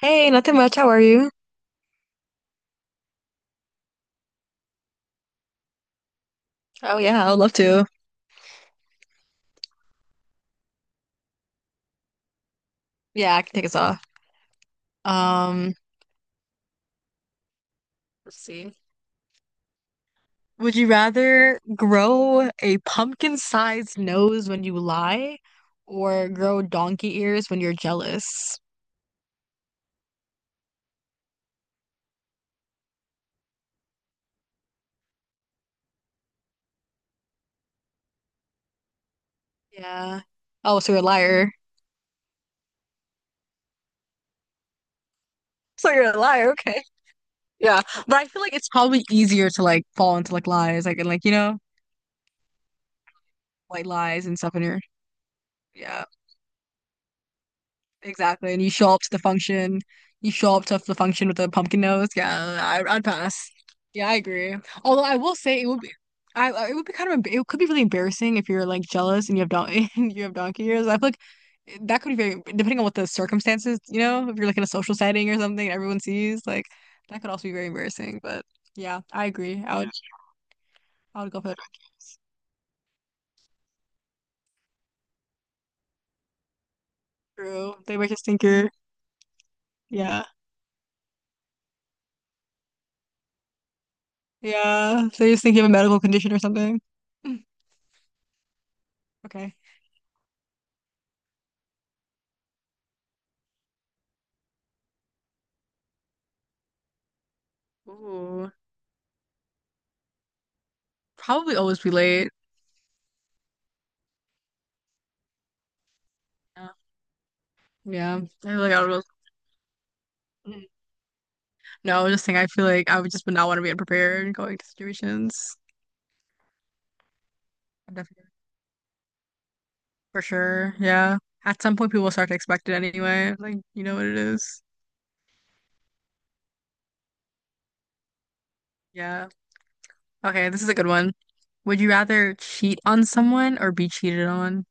Hey, nothing much. How are you? Oh yeah, I would love to. Yeah, I can take us off. Um, let's see. Would you rather grow a pumpkin-sized nose when you lie or grow donkey ears when you're jealous? Yeah. Oh, so you're a liar. So you're a liar, okay. Yeah. But I feel like it's probably easier to like fall into like lies, like and like, you know, white lies and stuff in your yeah. Exactly. And you show up to the function. You show up to the function with a pumpkin nose. Yeah, I'd pass. Yeah, I agree. Although I will say it would be, it would be kind of it could be really embarrassing if you're like jealous and you have don and you have donkey ears. I feel like that could be very depending on what the circumstances. You know, if you're like in a social setting or something, everyone sees like that could also be very embarrassing. But yeah, I agree. I would go for the donkey ears. True. They might just think you're yeah yeah. They just think you have a medical condition or something. Okay. Ooh. Probably always be late. Yeah. Yeah. I feel like I would, mhm. No, I was just saying, I feel like I would just would not want to be unprepared going to situations. I'm definitely. For sure. Yeah. At some point, people will start to expect it anyway. Like, you know what it is. Yeah. Okay, this is a good one. Would you rather cheat on someone or be cheated on?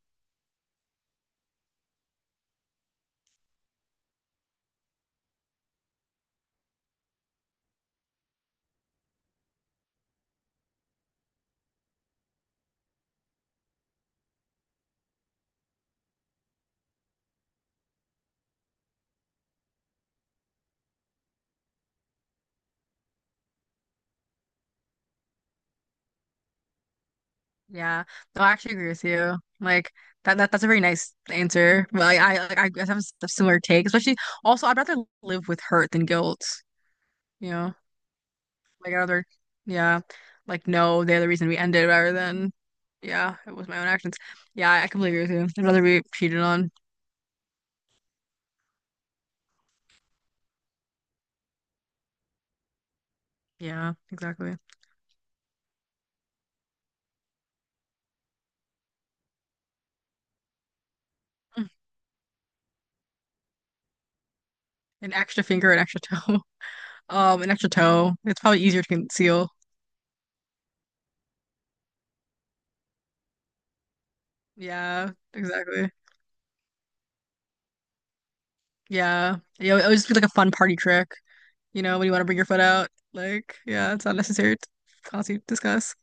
Yeah. No, I actually agree with you. Like that's a very nice answer. But like I guess I have a similar take, especially also I'd rather live with hurt than guilt, you know. Like other, yeah, like no, they're the reason we ended rather than, yeah, it was my own actions. Yeah, I completely agree with you. I'd rather be cheated on. Yeah, exactly. Mm. An extra finger, an extra toe. An extra toe. It's probably easier to conceal. Yeah, exactly. Yeah, yeah. It would just be like a fun party trick. You know, when you want to bring your foot out, like, yeah, it's not necessary to cause you discuss.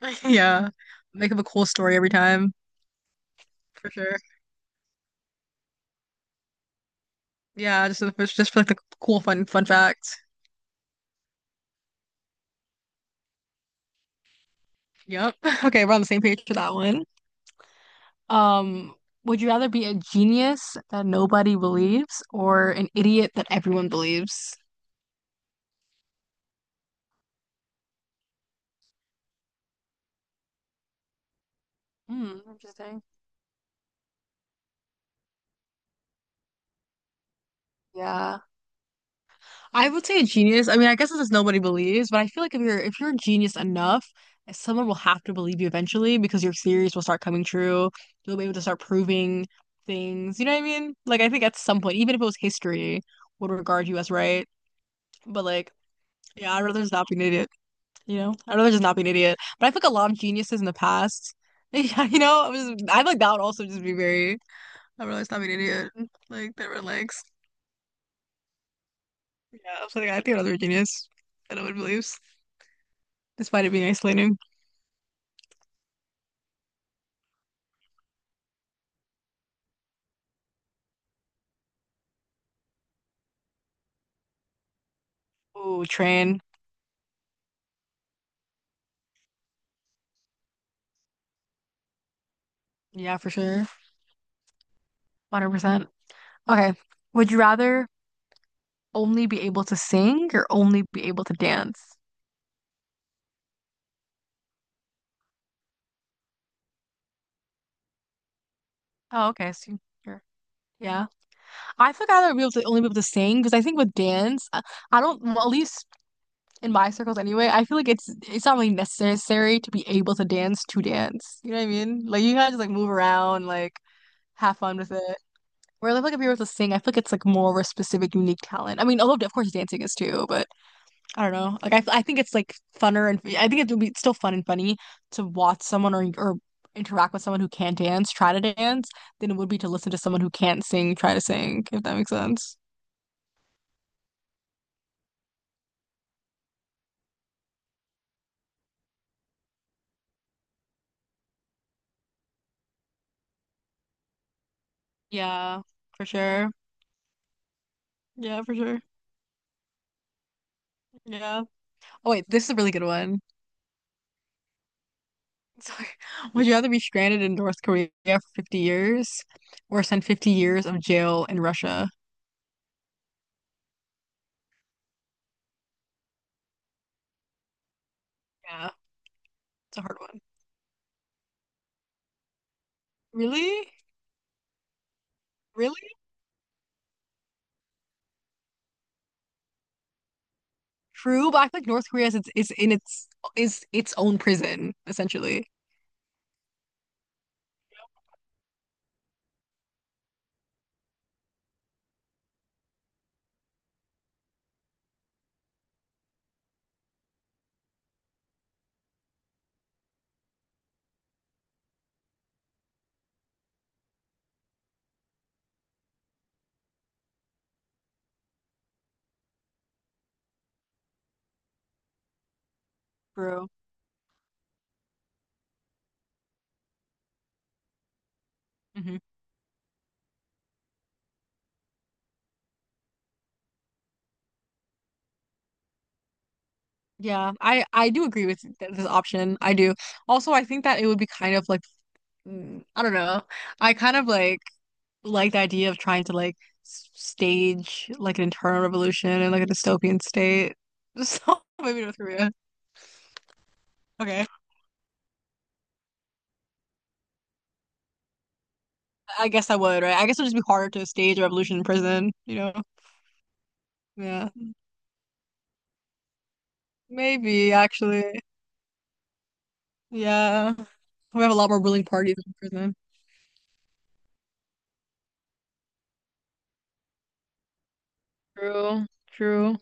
Yeah, make up a cool story every time for sure. Yeah, just for like the cool fun fact. Yep. Okay, we're on the same page for that one. Um, would you rather be a genius that nobody believes or an idiot that everyone believes? Hmm, interesting. Yeah. I would say a genius. I mean, I guess it's just nobody believes, but I feel like if you're a genius enough, someone will have to believe you eventually because your theories will start coming true. You'll be able to start proving things. You know what I mean? Like I think at some point, even if it was history, would regard you as right. But like, yeah, I'd rather just not be an idiot. You know, I'd rather just not be an idiot. But I feel like a lot of geniuses in the past, yeah, you know, I was I feel like that would also just be very. I'd rather just not be an idiot. Like that relax. Yeah, I was like, I think I'd rather be a genius than I would beliefs, despite it being isolating. Ooh, train. Yeah, for sure, 100%. Okay, would you rather only be able to sing or only be able to dance? Oh, okay, so you're, yeah. I'd rather be able to only be able to sing because I think with dance, I don't well, at least in my circles anyway, I feel like it's not really necessary to be able to dance to dance. You know what I mean? Like you gotta just like move around, like have fun with it. Where like if you're able to sing, I feel like it's like more of a specific, unique talent. I mean, although of course dancing is too, but I don't know. Like I think it's like funner and I think it would be still fun and funny to watch someone or interact with someone who can not dance try to dance than it would be to listen to someone who can't sing try to sing, if that makes sense. Yeah, for sure. Yeah, for sure. Yeah. Oh wait, this is a really good one. So, would you rather be stranded in North Korea for 50 years or spend 50 years of jail in Russia? Yeah, it's a hard one. Really? Really? True, but I feel like North Korea is its, is in its is its own prison, essentially. True. Hmm. Yeah, I do agree with th this option. I do. Also, I think that it would be kind of like I don't know. I kind of like the idea of trying to like stage like an internal revolution and like a dystopian state. So maybe North Korea. Okay. I guess I would, right? I guess it would just be harder to stage a revolution in prison, you know? Yeah. Maybe, actually. Yeah. We have a lot more ruling parties in prison. True. True.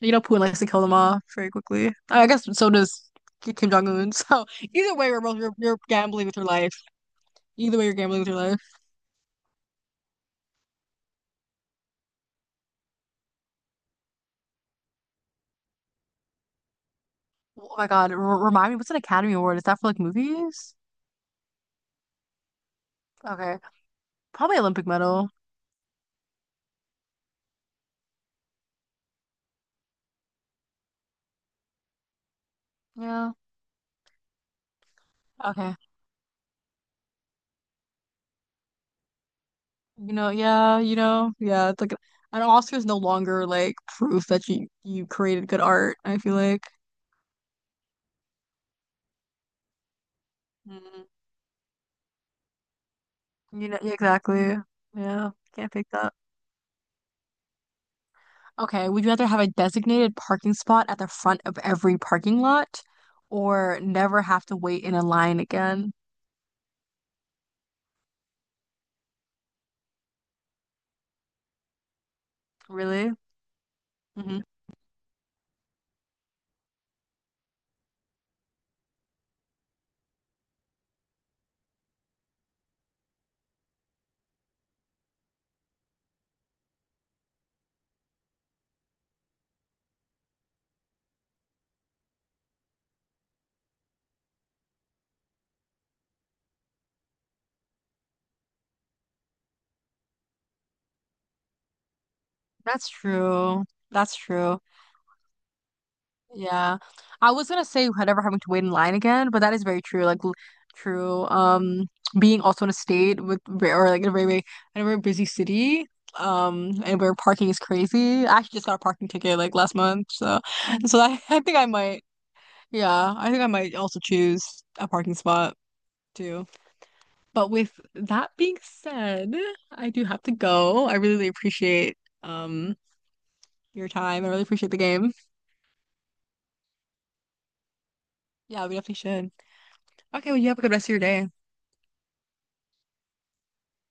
You know, Putin likes to kill them off very quickly. I guess so does Kim Jong-un. So either way, we're both, you're gambling with your life. Either way, you're gambling with your life. Oh my God. R Remind me, what's an Academy Award? Is that for like movies? Okay. Probably Olympic medal. Yeah. Okay. You know, yeah, you know, yeah. It's like an Oscar is no longer like proof that you created good art. I feel like, mhm. You know, yeah, exactly. Yeah, can't fake that. Okay, would you rather have a designated parking spot at the front of every parking lot, or never have to wait in a line again? Really? Hmm. That's true. That's true. Yeah. I was gonna say never having to wait in line again, but that is very true. Like true. Being also in a state with or like in a very, very in a very busy city, and where parking is crazy. I actually just got a parking ticket like last month, so so I think I might. Yeah, I think I might also choose a parking spot too. But with that being said, I do have to go. I really appreciate um your time. I really appreciate the game. Yeah, we definitely should. Okay, well, you have a good rest of your day.